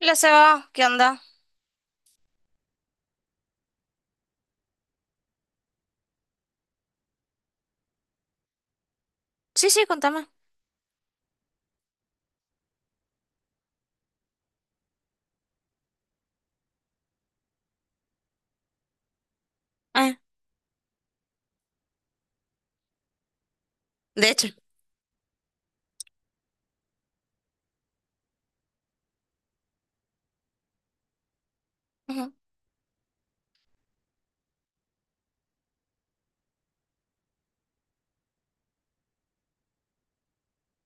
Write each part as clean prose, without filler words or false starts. La Seba, ¿qué onda? Sí, sí, contame. Ah, de hecho. Ujú.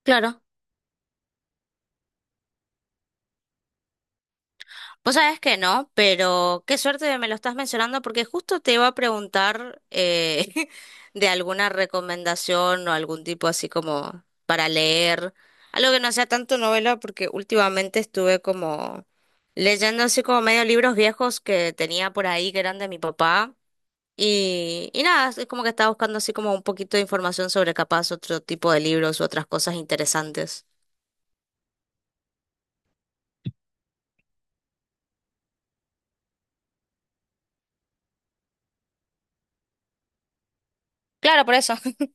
Claro. Vos sabés que no, pero qué suerte que me lo estás mencionando porque justo te iba a preguntar de alguna recomendación o algún tipo así como para leer, algo que no sea tanto novela porque últimamente estuve como leyendo así como medio libros viejos que tenía por ahí que eran de mi papá y nada, es como que estaba buscando así como un poquito de información sobre capaz otro tipo de libros u otras cosas interesantes. Claro, por eso.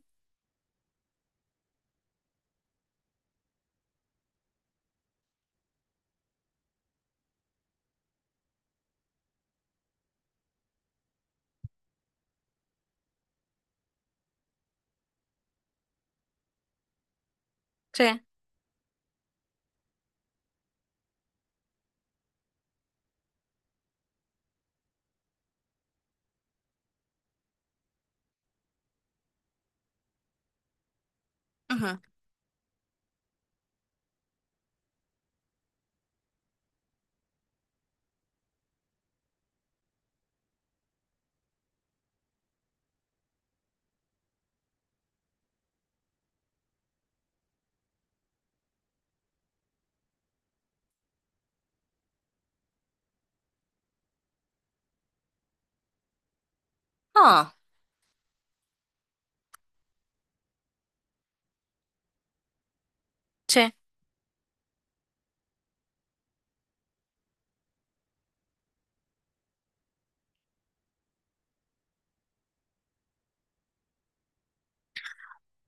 Sí. Ujú. Ah. Sí.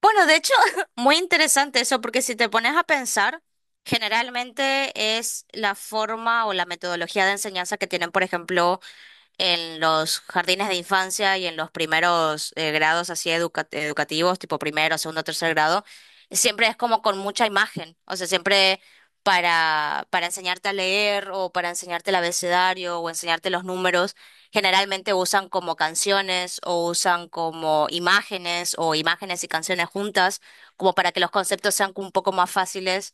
Bueno, de hecho, muy interesante eso, porque si te pones a pensar, generalmente es la forma o la metodología de enseñanza que tienen, por ejemplo, en los jardines de infancia y en los primeros grados así educativos, tipo primero, segundo, tercer grado, siempre es como con mucha imagen, o sea, siempre para enseñarte a leer o para enseñarte el abecedario o enseñarte los números, generalmente usan como canciones o usan como imágenes o imágenes y canciones juntas, como para que los conceptos sean un poco más fáciles.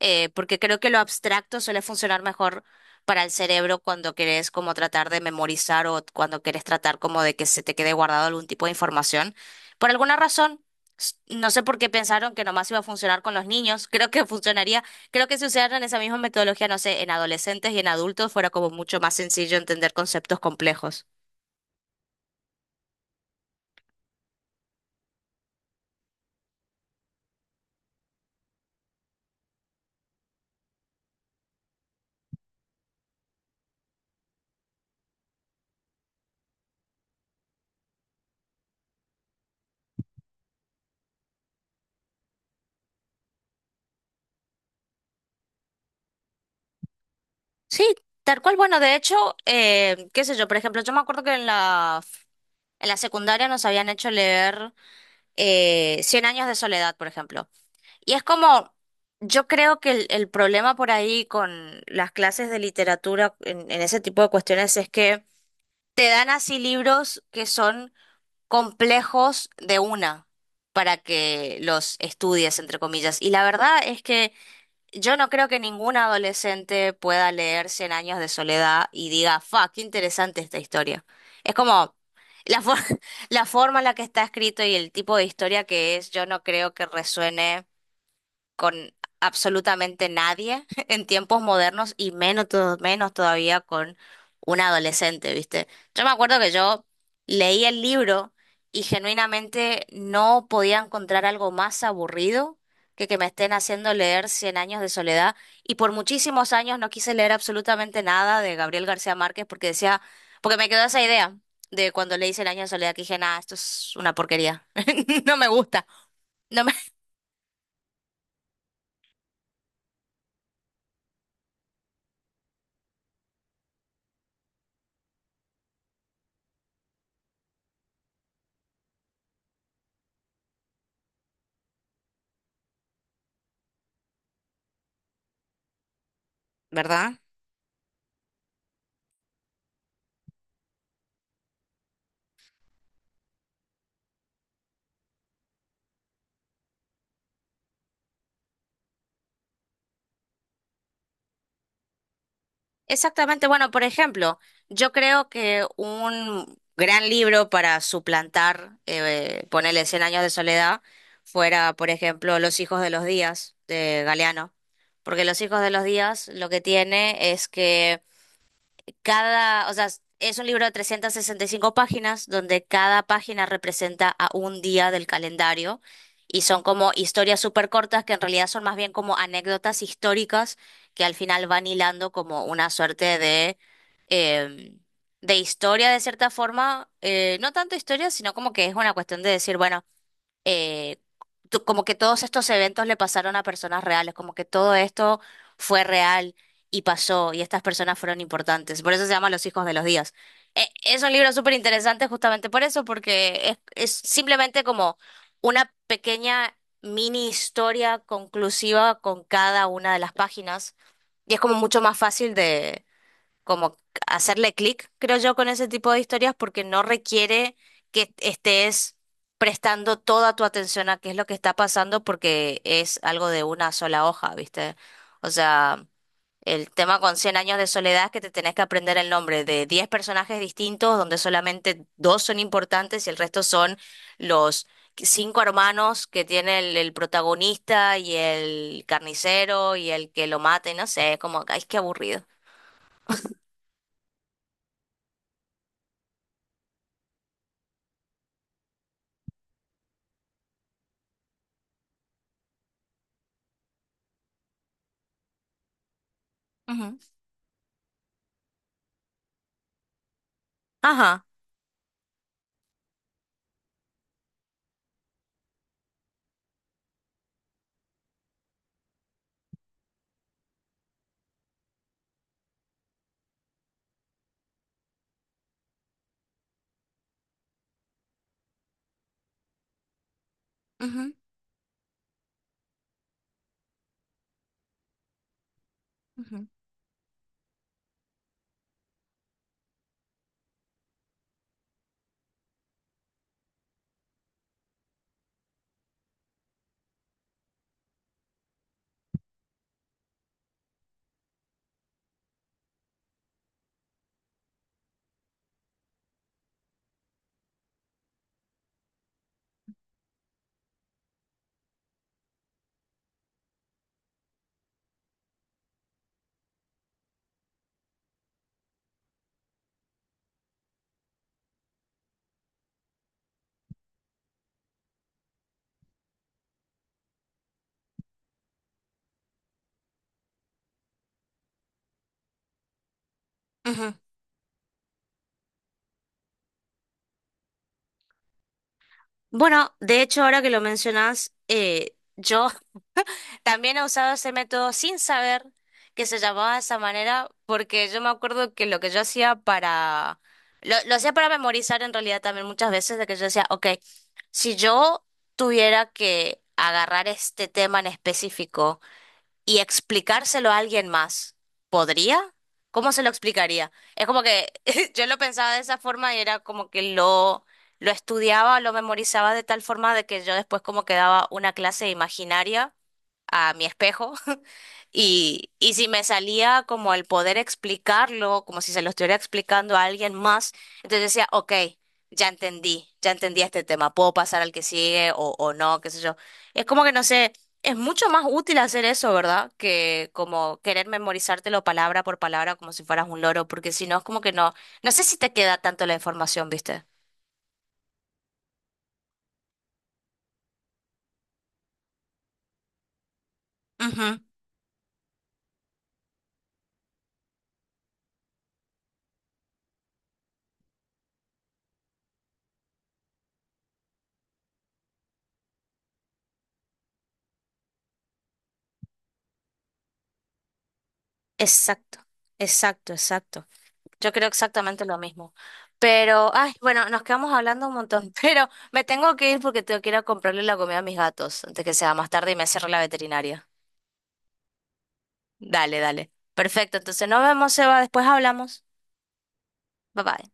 Porque creo que lo abstracto suele funcionar mejor para el cerebro cuando querés como tratar de memorizar o cuando querés tratar como de que se te quede guardado algún tipo de información. Por alguna razón, no sé por qué pensaron que nomás iba a funcionar con los niños, creo que funcionaría, creo que si usaran esa misma metodología, no sé, en adolescentes y en adultos fuera como mucho más sencillo entender conceptos complejos. Sí, tal cual, bueno, de hecho, qué sé yo, por ejemplo, yo me acuerdo que en la... En la secundaria nos habían hecho leer Cien años de soledad, por ejemplo. Y es como, yo creo que el problema por ahí con las clases de literatura en ese tipo de cuestiones es que te dan así libros que son complejos de una para que los estudies, entre comillas. Y la verdad es que yo no creo que ningún adolescente pueda leer Cien años de soledad y diga, fa, qué interesante esta historia. Es como la, for- la forma en la que está escrito y el tipo de historia que es, yo no creo que resuene con absolutamente nadie en tiempos modernos y menos, menos todavía con un adolescente, ¿viste? Yo me acuerdo que yo leí el libro y genuinamente no podía encontrar algo más aburrido que me estén haciendo leer Cien años de soledad y por muchísimos años no quise leer absolutamente nada de Gabriel García Márquez porque decía, porque me quedó esa idea. De cuando leí Cien años de soledad, que dije, nada, esto es una porquería. No me gusta. No me... ¿Verdad? Exactamente. Bueno, por ejemplo, yo creo que un gran libro para suplantar, ponerle Cien años de soledad, fuera, por ejemplo, Los hijos de los días de Galeano. Porque Los hijos de los días lo que tiene es que cada, o sea, es un libro de 365 páginas donde cada página representa a un día del calendario y son como historias súper cortas que en realidad son más bien como anécdotas históricas que al final van hilando como una suerte eh, de historia de cierta forma. No tanto historia, sino como que es una cuestión de decir, bueno, eh, como que todos estos eventos le pasaron a personas reales, como que todo esto fue real y pasó y estas personas fueron importantes. Por eso se llama Los hijos de los días. Es un libro súper interesante justamente por eso, porque es, simplemente como una pequeña mini historia conclusiva con cada una de las páginas y es como mucho más fácil como hacerle clic, creo yo, con ese tipo de historias porque no requiere que estés prestando toda tu atención a qué es lo que está pasando porque es algo de una sola hoja, ¿viste? O sea, el tema con Cien años de soledad es que te tenés que aprender el nombre de 10 personajes distintos donde solamente dos son importantes y el resto son los cinco hermanos que tiene el protagonista y el carnicero y el que lo mata y no sé, es como, ay, qué aburrido. Ujú. Ajá. Ujú, ujú, ujú. Bueno, de hecho, ahora que lo mencionas, yo también he usado ese método sin saber que se llamaba de esa manera, porque yo me acuerdo que lo que yo hacía para. Lo hacía para memorizar en realidad también muchas veces, de que yo decía, ok, si yo tuviera que agarrar este tema en específico, y explicárselo a alguien más, ¿podría? ¿Cómo se lo explicaría? Es como que yo lo pensaba de esa forma y era como que lo estudiaba, lo memorizaba de tal forma de que yo después como que daba una clase imaginaria a mi espejo y si me salía como el poder explicarlo, como si se lo estuviera explicando a alguien más, entonces decía, ok, ya entendí este tema, puedo pasar al que sigue o no, qué sé yo. Es como que no sé, es mucho más útil hacer eso, ¿verdad? Que como querer memorizártelo palabra por palabra como si fueras un loro, porque si no es como que no, no sé si te queda tanto la información, ¿viste? Ujú. Exacto, exacto, exacto. Yo creo exactamente lo mismo. Pero, ay, bueno, nos quedamos hablando un montón, pero me tengo que ir porque tengo que ir a comprarle la comida a mis gatos antes que sea más tarde y me cierre la veterinaria. Dale, dale. Perfecto, entonces nos vemos, Eva, después hablamos. Bye bye.